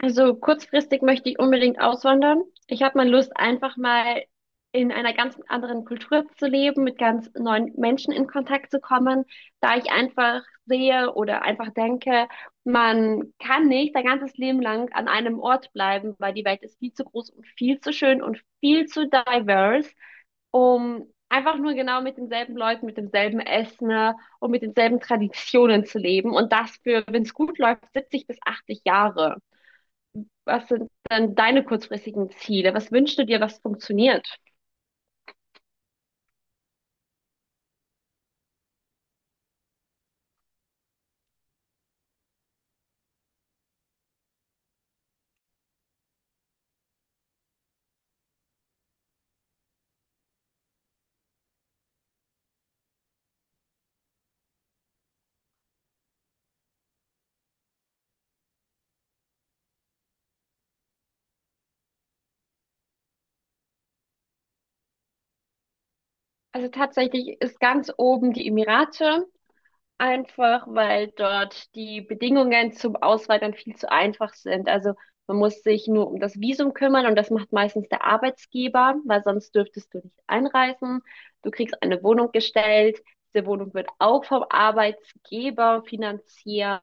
Also kurzfristig möchte ich unbedingt auswandern. Ich habe mal Lust, einfach mal in einer ganz anderen Kultur zu leben, mit ganz neuen Menschen in Kontakt zu kommen, da ich einfach sehe oder einfach denke, man kann nicht sein ganzes Leben lang an einem Ort bleiben, weil die Welt ist viel zu groß und viel zu schön und viel zu diverse, um einfach nur genau mit denselben Leuten, mit demselben Essen und mit denselben Traditionen zu leben. Und das für, wenn es gut läuft, 70 bis 80 Jahre. Was sind denn deine kurzfristigen Ziele? Was wünschst du dir, was funktioniert? Also tatsächlich ist ganz oben die Emirate. Einfach weil dort die Bedingungen zum Auswandern viel zu einfach sind. Also man muss sich nur um das Visum kümmern und das macht meistens der Arbeitgeber, weil sonst dürftest du nicht einreisen. Du kriegst eine Wohnung gestellt. Diese Wohnung wird auch vom Arbeitgeber finanziert.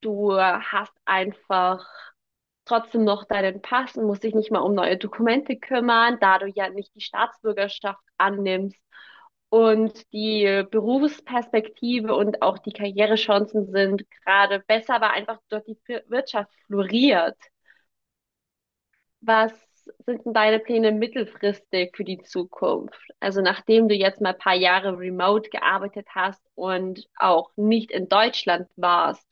Du hast einfach trotzdem noch deinen Pass und musst dich nicht mal um neue Dokumente kümmern, da du ja nicht die Staatsbürgerschaft annimmst. Und die Berufsperspektive und auch die Karrierechancen sind gerade besser, weil einfach dort die Wirtschaft floriert. Was sind denn deine Pläne mittelfristig für die Zukunft? Also nachdem du jetzt mal ein paar Jahre remote gearbeitet hast und auch nicht in Deutschland warst.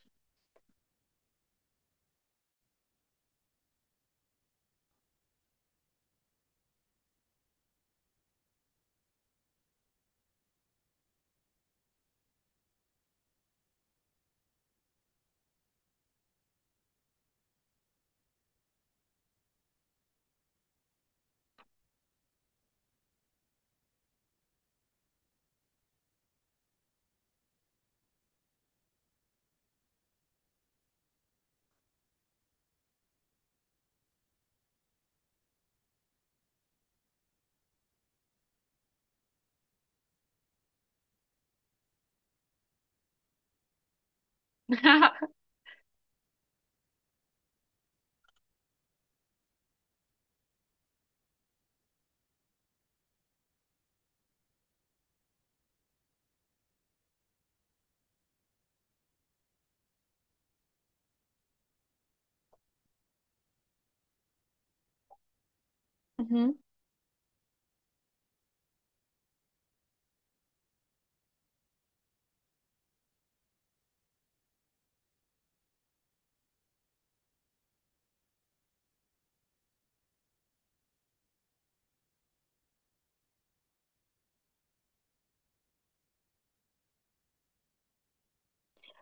Mhm.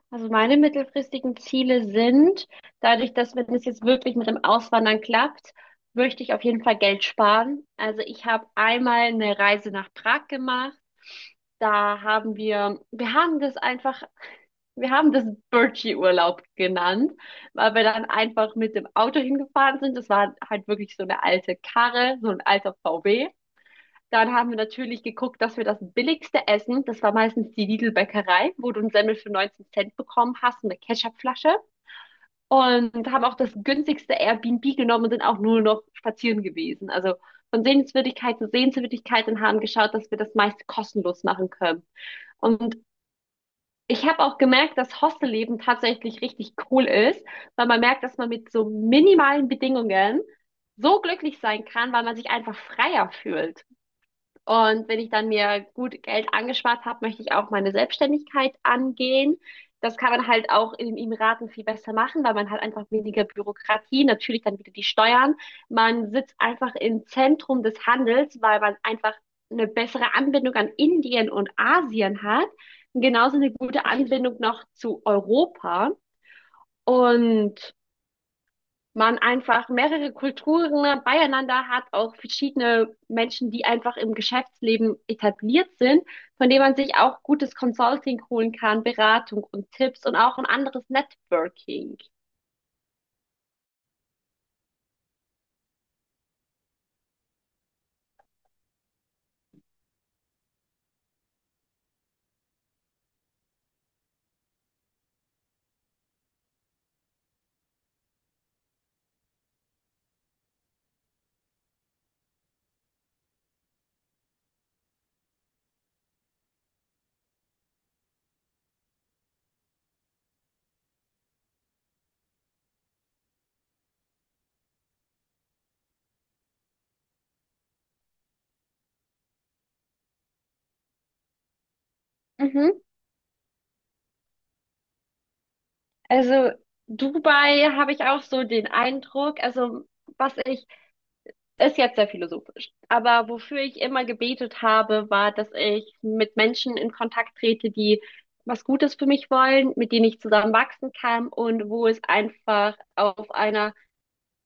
Also meine mittelfristigen Ziele sind, dadurch, dass wenn es jetzt wirklich mit dem Auswandern klappt, möchte ich auf jeden Fall Geld sparen. Also ich habe einmal eine Reise nach Prag gemacht. Da haben wir, wir haben das einfach, wir haben das Birchi-Urlaub genannt, weil wir dann einfach mit dem Auto hingefahren sind. Das war halt wirklich so eine alte Karre, so ein alter VW. Dann haben wir natürlich geguckt, dass wir das billigste essen. Das war meistens die Lidl-Bäckerei, wo du einen Semmel für 19 Cent bekommen hast und eine Ketchupflasche. Und haben auch das günstigste Airbnb genommen und sind auch nur noch spazieren gewesen. Also von Sehenswürdigkeit zu Sehenswürdigkeit und haben geschaut, dass wir das meiste kostenlos machen können. Und ich habe auch gemerkt, dass Hostelleben tatsächlich richtig cool ist, weil man merkt, dass man mit so minimalen Bedingungen so glücklich sein kann, weil man sich einfach freier fühlt. Und wenn ich dann mir gut Geld angespart habe, möchte ich auch meine Selbstständigkeit angehen. Das kann man halt auch in den Emiraten viel besser machen, weil man halt einfach weniger Bürokratie, natürlich dann wieder die Steuern. Man sitzt einfach im Zentrum des Handels, weil man einfach eine bessere Anbindung an Indien und Asien hat, genauso eine gute Anbindung noch zu Europa. Und man einfach mehrere Kulturen beieinander hat, auch verschiedene Menschen, die einfach im Geschäftsleben etabliert sind, von denen man sich auch gutes Consulting holen kann, Beratung und Tipps und auch ein anderes Networking. Mhm. Also Dubai habe ich auch so den Eindruck, also was ich ist jetzt sehr philosophisch. Aber wofür ich immer gebetet habe, war, dass ich mit Menschen in Kontakt trete, die was Gutes für mich wollen, mit denen ich zusammen wachsen kann und wo es einfach auf einer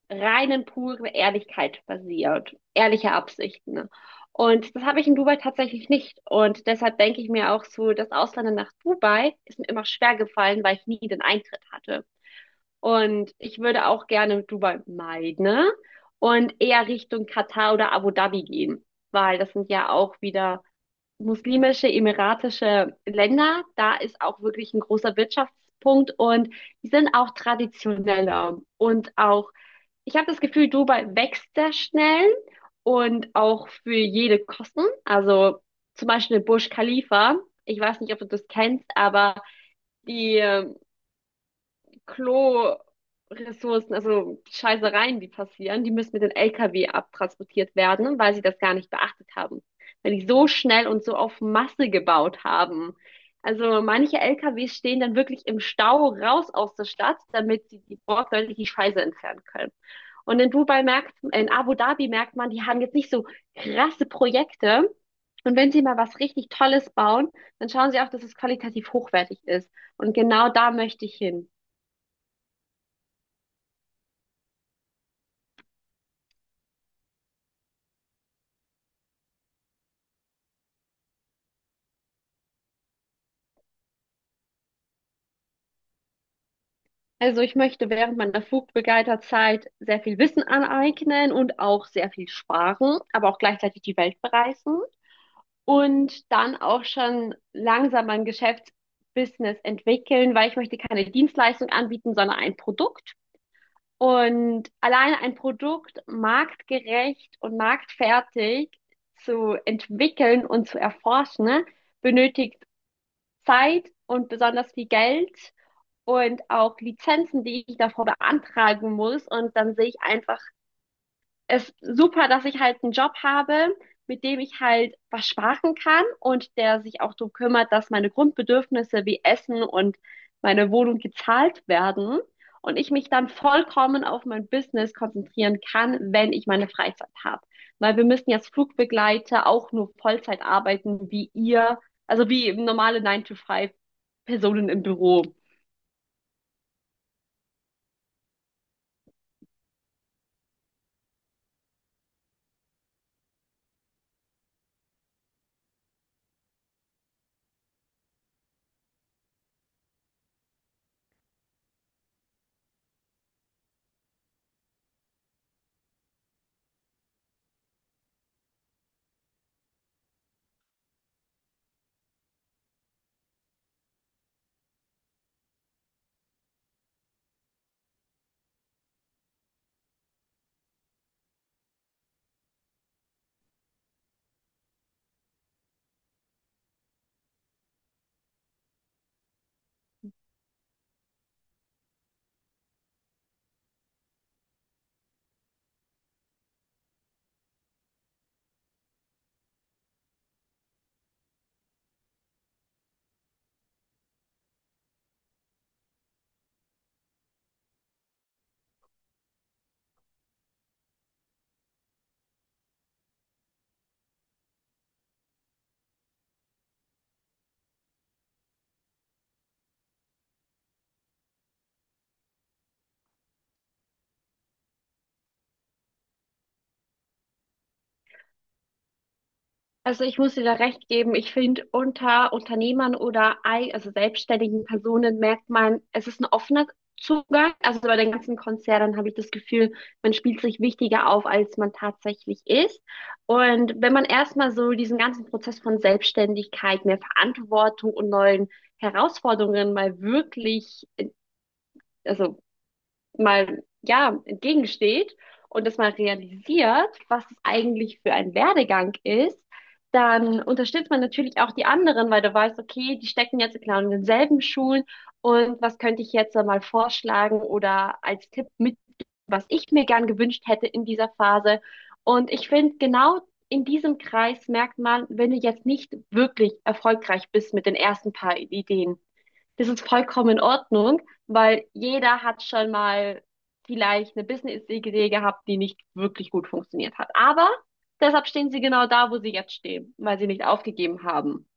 reinen, puren Ehrlichkeit basiert. Ehrliche Absichten, ne? Und das habe ich in Dubai tatsächlich nicht. Und deshalb denke ich mir auch so, das Ausland nach Dubai ist mir immer schwer gefallen, weil ich nie den Eintritt hatte. Und ich würde auch gerne Dubai meiden, ne? Und eher Richtung Katar oder Abu Dhabi gehen, weil das sind ja auch wieder muslimische, emiratische Länder. Da ist auch wirklich ein großer Wirtschaftspunkt und die sind auch traditioneller und auch, ich habe das Gefühl, Dubai wächst sehr schnell und auch für jede Kosten. Also zum Beispiel Burj Khalifa. Ich weiß nicht, ob du das kennst, aber die Klo-Ressourcen, also Scheißereien, die passieren, die müssen mit den LKW abtransportiert werden, weil sie das gar nicht beachtet haben. Weil die so schnell und so auf Masse gebaut haben. Also manche LKWs stehen dann wirklich im Stau raus aus der Stadt, damit sie die wortwörtlich die Scheiße entfernen können. Und in Dubai merkt, in Abu Dhabi merkt man, die haben jetzt nicht so krasse Projekte. Und wenn sie mal was richtig Tolles bauen, dann schauen sie auch, dass es qualitativ hochwertig ist. Und genau da möchte ich hin. Also ich möchte während meiner Flugbegleiterzeit sehr viel Wissen aneignen und auch sehr viel sparen, aber auch gleichzeitig die Welt bereisen und dann auch schon langsam mein Geschäftsbusiness entwickeln, weil ich möchte keine Dienstleistung anbieten, sondern ein Produkt. Und alleine ein Produkt marktgerecht und marktfertig zu entwickeln und zu erforschen, ne, benötigt Zeit und besonders viel Geld und auch Lizenzen, die ich davor beantragen muss. Und dann sehe ich einfach, es ist super, dass ich halt einen Job habe, mit dem ich halt was sparen kann und der sich auch darum kümmert, dass meine Grundbedürfnisse wie Essen und meine Wohnung gezahlt werden. Und ich mich dann vollkommen auf mein Business konzentrieren kann, wenn ich meine Freizeit habe. Weil wir müssen jetzt Flugbegleiter auch nur Vollzeit arbeiten, wie ihr, also wie normale nine to five Personen im Büro. Also ich muss dir da recht geben. Ich finde, unter Unternehmern oder also selbstständigen Personen merkt man, es ist ein offener Zugang. Also bei den ganzen Konzernen habe ich das Gefühl, man spielt sich wichtiger auf, als man tatsächlich ist. Und wenn man erstmal so diesen ganzen Prozess von Selbstständigkeit, mehr Verantwortung und neuen Herausforderungen mal wirklich, also mal, ja, entgegensteht und das mal realisiert, was es eigentlich für ein Werdegang ist, dann unterstützt man natürlich auch die anderen, weil du weißt, okay, die stecken jetzt genau in denselben Schulen und was könnte ich jetzt mal vorschlagen oder als Tipp mit, was ich mir gern gewünscht hätte in dieser Phase. Und ich finde, genau in diesem Kreis merkt man, wenn du jetzt nicht wirklich erfolgreich bist mit den ersten paar Ideen, das ist vollkommen in Ordnung, weil jeder hat schon mal vielleicht eine Business-Idee gehabt, die nicht wirklich gut funktioniert hat. Aber deshalb stehen sie genau da, wo sie jetzt stehen, weil sie nicht aufgegeben haben.